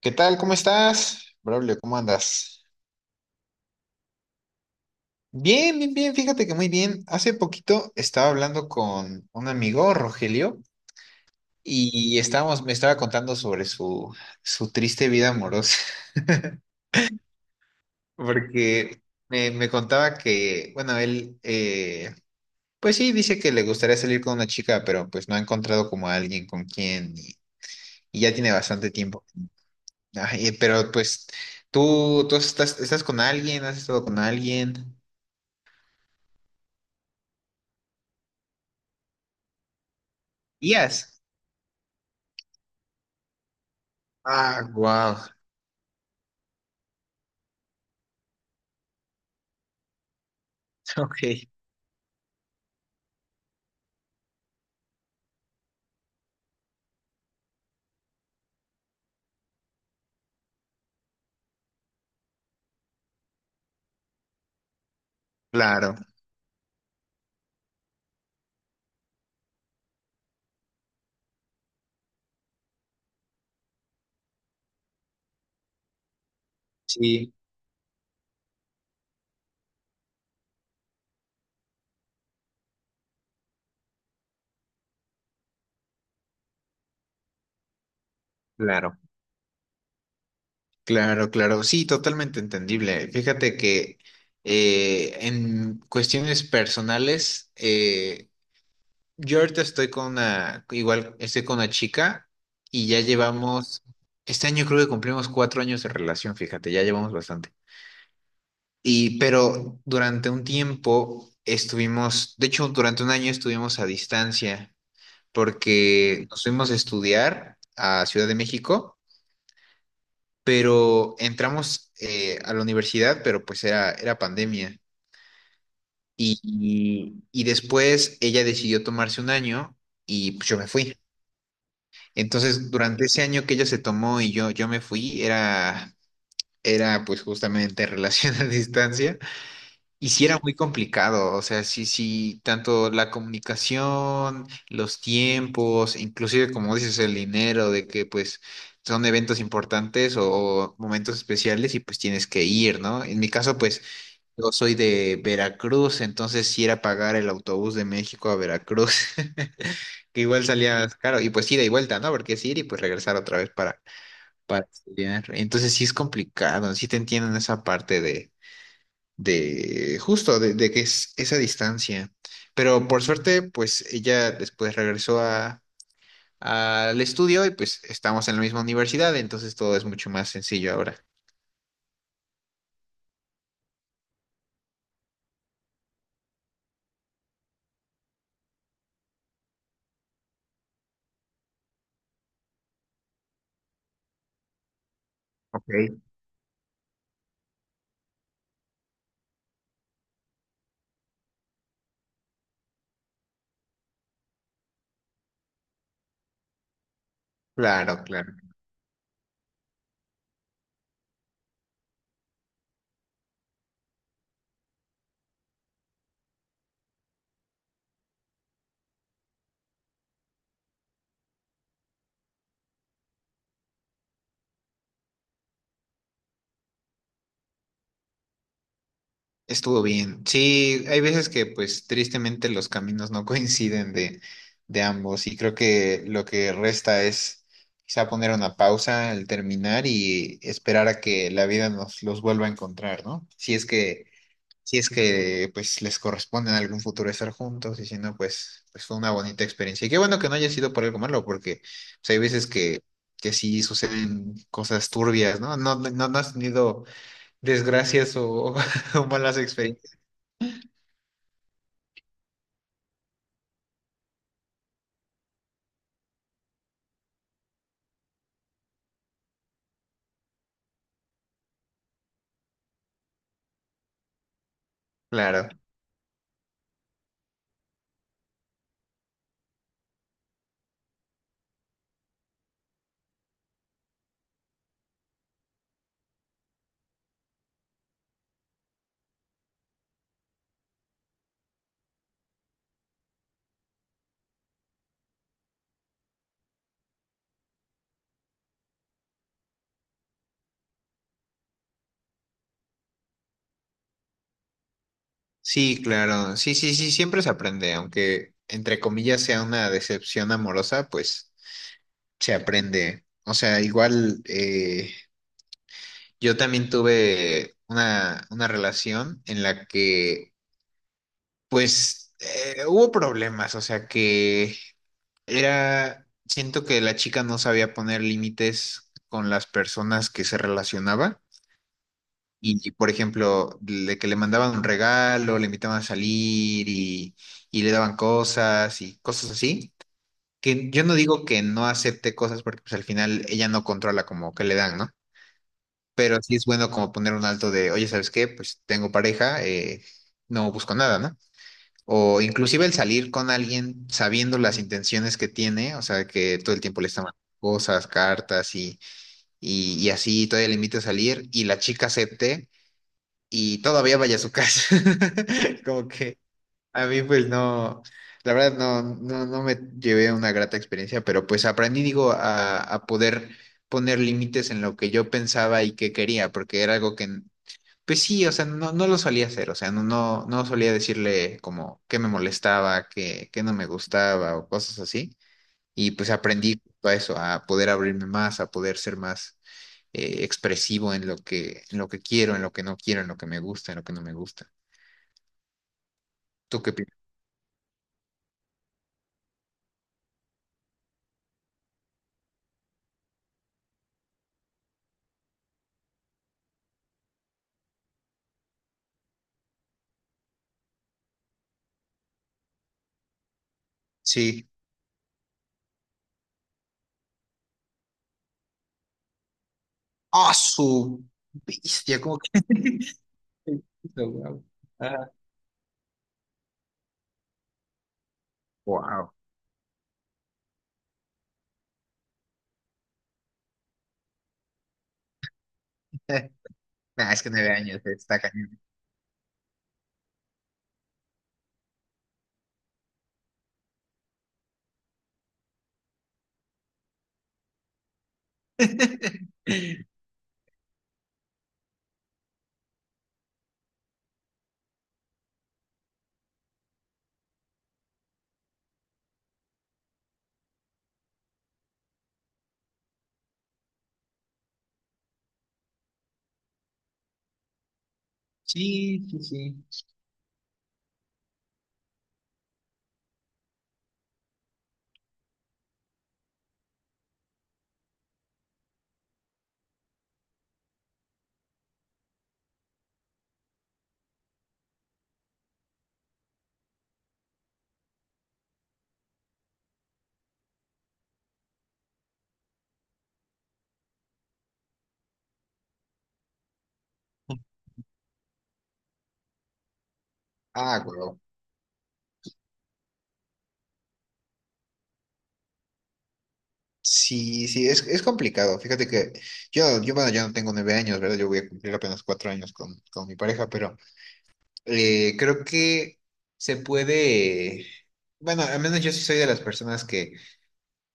¿Qué tal? ¿Cómo estás? Braulio, ¿cómo andas? Bien, bien, bien, fíjate que muy bien. Hace poquito estaba hablando con un amigo, Rogelio, y me estaba contando sobre su triste vida amorosa, porque me contaba que, bueno, él, pues sí, dice que le gustaría salir con una chica, pero pues no ha encontrado como a alguien con quien y ya tiene bastante tiempo. Ay, pero pues tú estás con alguien, has estado con alguien. Días. Ah, wow. Ok, claro, sí, claro, claro, claro. Sí, totalmente entendible. Fíjate que en cuestiones personales, yo ahorita estoy con igual estoy con una chica y ya llevamos, este año creo que cumplimos 4 años de relación, fíjate, ya llevamos bastante. Pero durante un tiempo estuvimos, de hecho, durante un año estuvimos a distancia, porque nos fuimos a estudiar a Ciudad de México, pero entramos a la universidad, pero pues era, pandemia. Y después ella decidió tomarse un año y pues yo me fui. Entonces, durante ese año que ella se tomó y yo me fui, era pues justamente relación a distancia. Y sí era muy complicado, o sea, sí, sí, tanto la comunicación, los tiempos, inclusive como dices, el dinero, de que pues son eventos importantes o momentos especiales y pues tienes que ir, ¿no? En mi caso, pues yo soy de Veracruz, entonces sí era pagar el autobús de México a Veracruz, que igual salía caro, y pues ida y vuelta, ¿no? Porque es ir y pues regresar otra vez para estudiar. Entonces sí es complicado, sí te entiendo en esa parte de justo, de que es esa distancia. Pero por suerte, pues ella después regresó al estudio y pues estamos en la misma universidad, entonces todo es mucho más sencillo ahora. Ok. Claro, claro. Estuvo bien. Sí, hay veces que pues tristemente los caminos no coinciden de ambos y creo que lo que resta es quizá poner una pausa al terminar y esperar a que la vida nos los vuelva a encontrar, ¿no? Si es que pues les corresponde en algún futuro estar juntos y si no, pues, pues fue una bonita experiencia. Y qué bueno que no haya sido por algo malo, porque pues, hay veces que sí suceden cosas turbias, ¿no? No has tenido desgracias o, o malas experiencias. Claro. Sí, claro. Sí, sí, sí, siempre se aprende, aunque entre comillas sea una decepción amorosa, pues se aprende. O sea, igual yo también tuve una relación en la que pues hubo problemas, o sea que era, siento que la chica no sabía poner límites con las personas que se relacionaba y, por ejemplo, de que le mandaban un regalo, le invitaban a salir y le daban cosas y cosas así, que yo no digo que no acepte cosas porque pues al final ella no controla como que le dan, ¿no? Pero sí es bueno como poner un alto de, oye, ¿sabes qué? Pues tengo pareja, no busco nada, ¿no? O inclusive el salir con alguien sabiendo las intenciones que tiene, o sea, que todo el tiempo le está mandando cosas, cartas y así, todavía le invita a salir y la chica acepte y todavía vaya a su casa. Como que a mí pues no, la verdad no me llevé una grata experiencia, pero pues aprendí, digo, a poder poner límites en lo que yo pensaba y que quería, porque era algo que pues sí, o sea, no lo solía hacer, o sea, no solía decirle como que me molestaba, que no me gustaba o cosas así. Y pues aprendí a eso, a poder abrirme más, a poder ser más expresivo en lo que quiero, en lo que no quiero, en lo que me gusta, en lo que no me gusta. ¿Tú qué piensas? Sí. ¡Ah, su bestia! Como que... Wow. Wow. Nah, es que 9 años, está cañón. Sí, sí, sí. Ah, güey. Sí, sí, es complicado. Fíjate que yo, bueno, ya no tengo 9 años, ¿verdad? Yo voy a cumplir apenas 4 años con mi pareja, pero creo que se puede, bueno, al menos yo sí soy de las personas que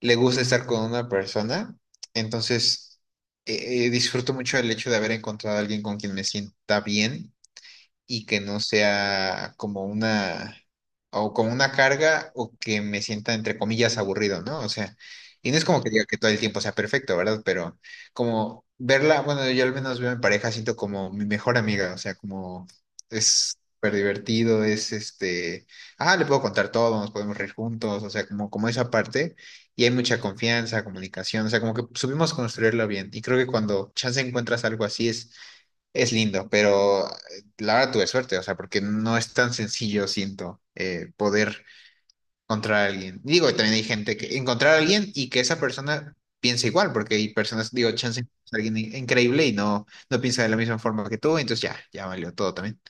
le gusta estar con una persona, entonces disfruto mucho el hecho de haber encontrado a alguien con quien me sienta bien y que no sea como una carga o que me sienta entre comillas aburrido, ¿no? O sea, y no es como que diga que todo el tiempo sea perfecto, ¿verdad? Pero como verla, bueno, yo al menos veo a mi pareja, siento como mi mejor amiga, o sea, como es súper divertido, es este, ah, le puedo contar todo, nos podemos reír juntos, o sea, como, como esa parte, y hay mucha confianza, comunicación, o sea, como que supimos construirlo bien, y creo que cuando chance encuentras algo así es lindo, pero la verdad tuve suerte, o sea, porque no es tan sencillo, siento, poder encontrar a alguien. Digo, también hay gente que encontrar a alguien y que esa persona piense igual, porque hay personas, digo, chance es alguien increíble y no, no piensa de la misma forma que tú, entonces ya, ya valió todo también.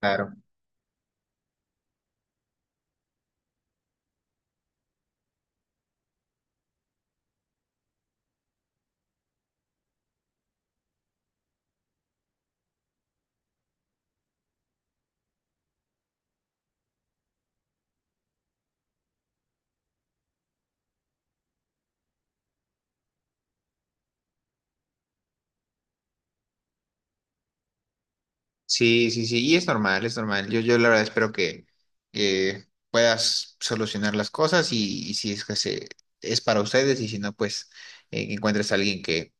Claro. Sí, sí, sí, y es normal, es normal. Yo la verdad espero que puedas solucionar las cosas y si es que es para ustedes y si no, pues que encuentres a alguien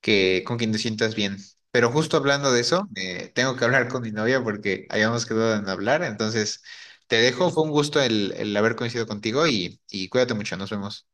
que con quien te sientas bien. Pero justo hablando de eso, tengo que hablar con mi novia porque habíamos quedado en hablar. Entonces, te dejo. Fue un gusto el haber coincidido contigo y cuídate mucho. Nos vemos.